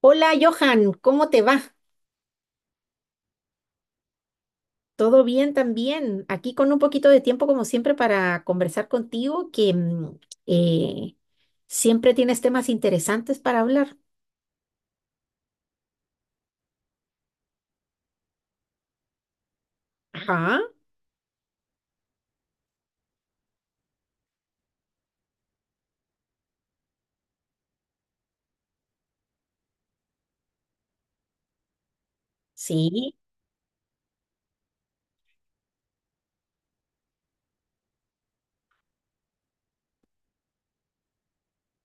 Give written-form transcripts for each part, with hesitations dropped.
Hola Johan, ¿cómo te va? ¿Todo bien también? Aquí con un poquito de tiempo como siempre para conversar contigo, que eh, siempre tienes temas interesantes para hablar. Ajá, sí,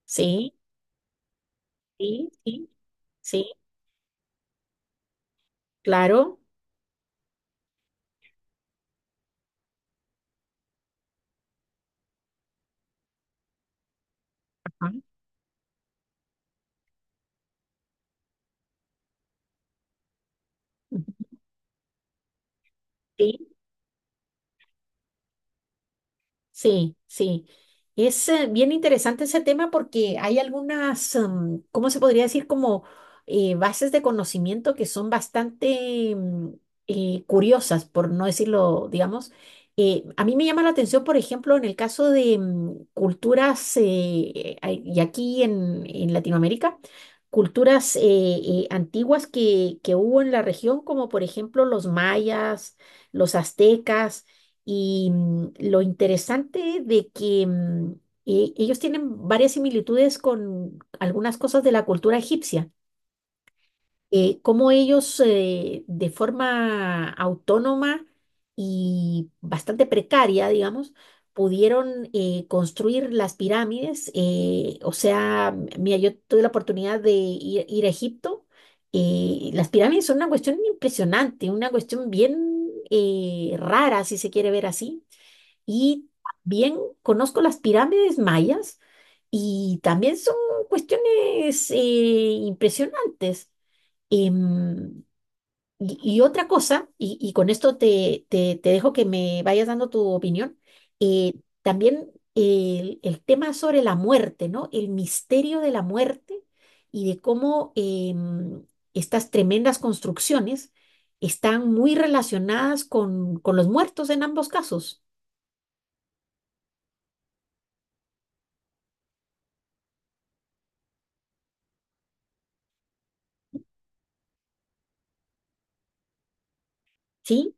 sí, sí, sí, sí, claro. Ajá, ujú, sí. Sí, sí. Es bien interesante ese tema porque hay algunas, mm, ¿cómo se podría decir? Como bases de conocimiento que son bastante curiosas, por no decirlo, digamos. A mí me llama la atención, por ejemplo, en el caso de mm, culturas, y aquí en Latinoamérica, culturas antiguas que hubo en la región, como por ejemplo los mayas, los aztecas y mm, lo interesante de que mm, ellos tienen varias similitudes con algunas cosas de la cultura egipcia, cómo ellos de forma autónoma y bastante precaria, digamos, pudieron construir las pirámides. O sea, mira, yo tuve la oportunidad de ir a Egipto. Las pirámides son una cuestión impresionante, una cuestión bien rara, si se quiere ver así, y también conozco las pirámides mayas y también son cuestiones impresionantes. Em, y, y otra cosa, y con esto te dejo que me vayas dando tu opinión, eh, también el tema sobre la muerte, ¿no? El misterio de la muerte y de cómo estas tremendas construcciones están muy relacionadas con los muertos en ambos casos. ¿Sí?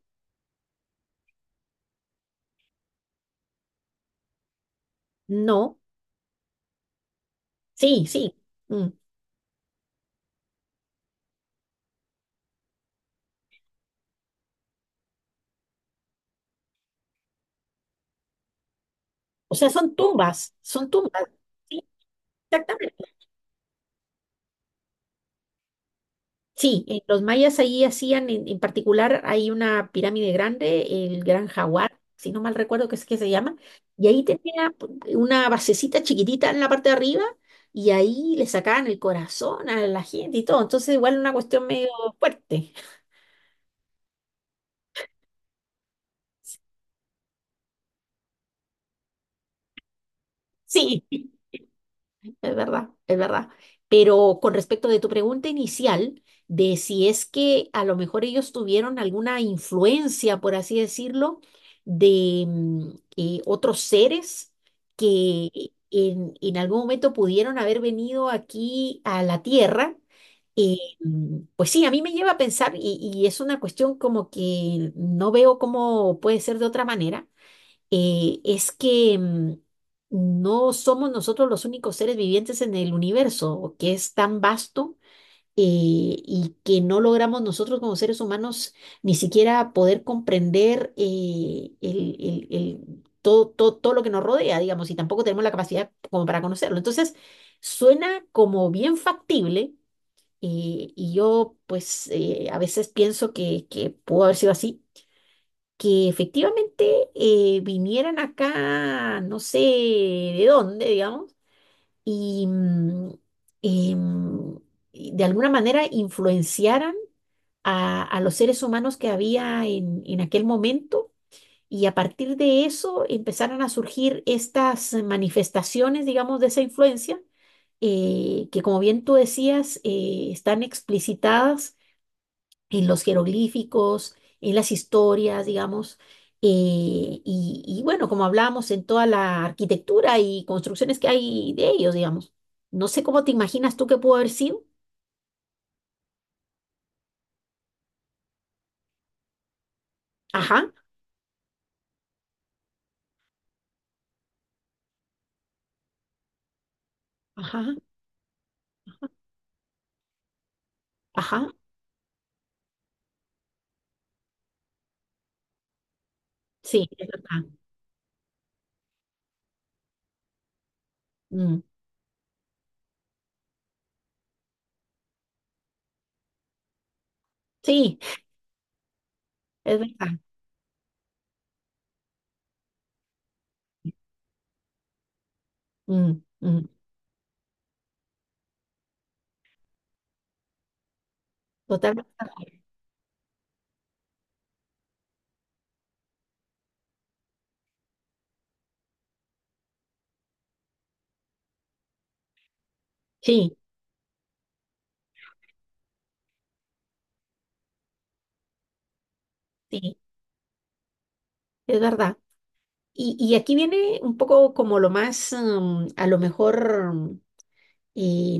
No. Sí, sí. Mm. O sea, son tumbas, son tumbas. Sí, exactamente. Sí, los mayas ahí hacían, en particular, hay una pirámide grande, el Gran Jaguar, si no mal recuerdo que es que se llama, y ahí tenía una basecita chiquitita en la parte de arriba, y ahí le sacaban el corazón a la gente y todo. Entonces, igual una cuestión medio fuerte. Sí. Es verdad, es verdad. Pero con respecto de tu pregunta inicial, de si es que a lo mejor ellos tuvieron alguna influencia, por así decirlo, de otros seres que en algún momento pudieron haber venido aquí a la Tierra, pues sí, a mí me lleva a pensar, y es una cuestión como que no veo cómo puede ser de otra manera. Eh, es que mm, no somos nosotros los únicos seres vivientes en el universo, que es tan vasto, y que no logramos nosotros como seres humanos ni siquiera poder comprender todo, todo, todo lo que nos rodea, digamos, y tampoco tenemos la capacidad como para conocerlo. Entonces, suena como bien factible. Y yo, pues, a veces pienso que pudo haber sido así, que efectivamente vinieran acá, no sé de dónde, digamos, y, mm, y, mm, y de alguna manera influenciaran a los seres humanos que había en aquel momento. Y a partir de eso empezaron a surgir estas manifestaciones, digamos, de esa influencia, que como bien tú decías, están explicitadas en los jeroglíficos, en las historias, digamos, eh, y bueno, como hablamos, en toda la arquitectura y construcciones que hay de ellos, digamos. No sé cómo te imaginas tú que pudo haber sido. Ajá, ajá, ajá, sí, es verdad. Mm, sí, es verdad. Mm, mm, totalmente de acuerdo. Sí, sí, es verdad. Y aquí viene un poco como lo más, mm, a lo mejor eh,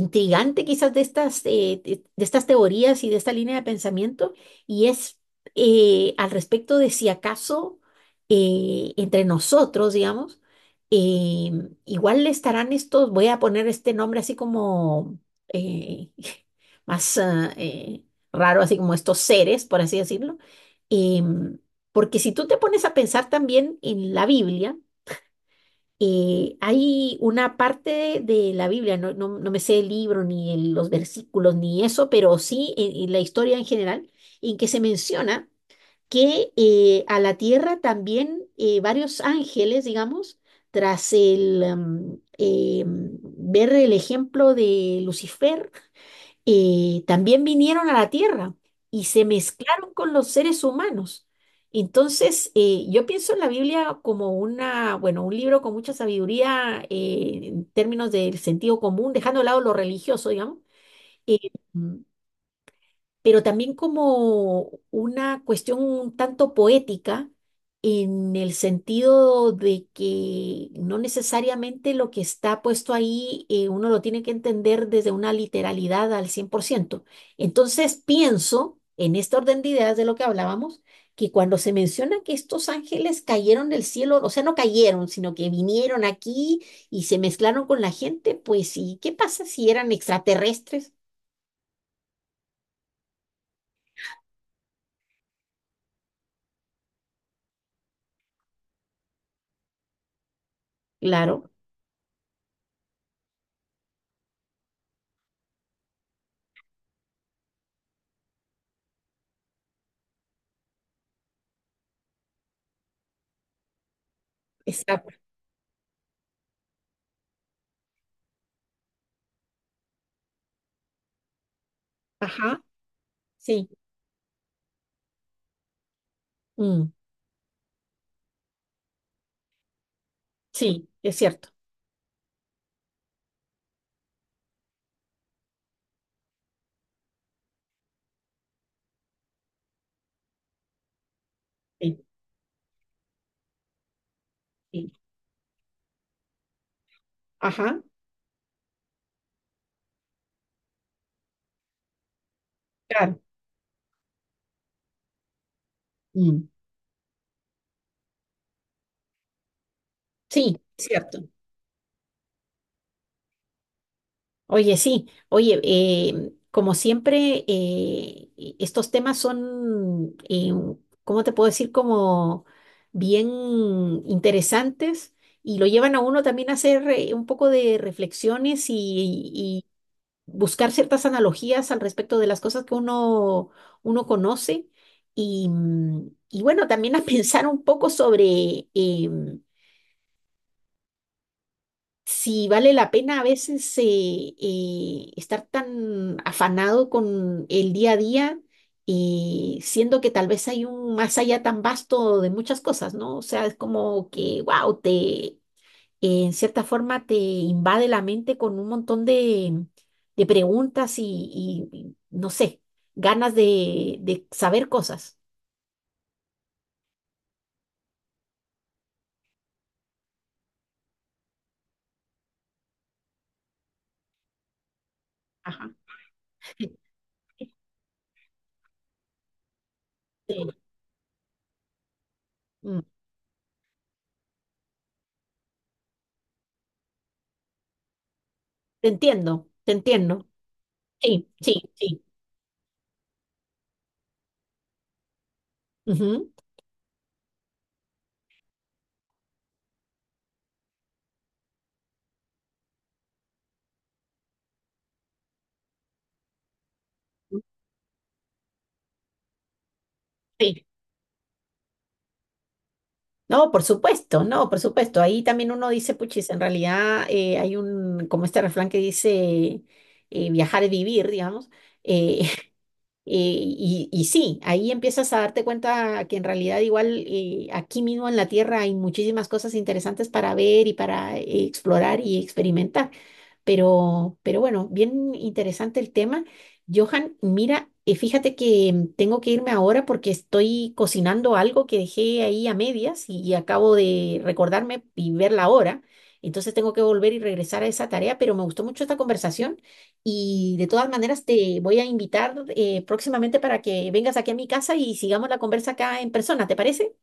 intrigante quizás de estas, de estas teorías y de esta línea de pensamiento, y es al respecto de si acaso entre nosotros, digamos, eh, igual estarán estos, voy a poner este nombre así como eh, más raro, así como estos seres, por así decirlo, em, porque si tú te pones a pensar también en la Biblia, hay una parte de la Biblia, no, no me sé el libro, ni los versículos, ni eso, pero sí en la historia en general, en que se menciona que a la tierra también varios ángeles, digamos, tras el, ver el ejemplo de Lucifer, también vinieron a la Tierra y se mezclaron con los seres humanos. Entonces, yo pienso en la Biblia como una, bueno, un libro con mucha sabiduría en términos del sentido común, dejando de lado lo religioso, digamos. Eh, pero también como una cuestión un tanto poética en el sentido de que no necesariamente lo que está puesto ahí uno lo tiene que entender desde una literalidad al 100%. Entonces pienso, en este orden de ideas de lo que hablábamos, que cuando se menciona que estos ángeles cayeron del cielo, o sea, no cayeron, sino que vinieron aquí y se mezclaron con la gente, pues sí, ¿qué pasa si eran extraterrestres? Claro, exacto. Ajá. Sí, mm, sí, es cierto. Sí, sí. Ajá, claro. Mm, sí, cierto. Oye, sí, oye, como siempre, estos temas son, ¿cómo te puedo decir? Como bien interesantes, y lo llevan a uno también a hacer un poco de reflexiones y buscar ciertas analogías al respecto de las cosas que uno conoce y, mm, y bueno, también a pensar un poco sobre si vale la pena a veces estar tan afanado con el día a día, siendo que tal vez hay un más allá tan vasto de muchas cosas, ¿no? O sea, es como que, wow, te en cierta forma te invade la mente con un montón de preguntas no sé, ganas de saber cosas. Ajá. Sí, mm, te entiendo, te entiendo. Sí, sí, sí. Ujú, sí. No, por supuesto, no, por supuesto. Ahí también uno dice, puchis, en realidad hay un, como este refrán que dice, viajar es vivir, digamos. Eh, Eh, y, y sí, ahí empiezas a darte cuenta que en realidad igual aquí mismo en la Tierra hay muchísimas cosas interesantes para ver y para explorar y experimentar. Pero bueno, bien interesante el tema. Johan, mira, fíjate que mm, tengo que irme ahora porque estoy cocinando algo que dejé ahí a medias y acabo de recordarme y ver la hora. Entonces tengo que volver y regresar a esa tarea, pero me gustó mucho esta conversación y de todas maneras te voy a invitar próximamente para que vengas aquí a mi casa y sigamos la conversa acá en persona, ¿te parece?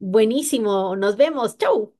Buenísimo, nos vemos, chau.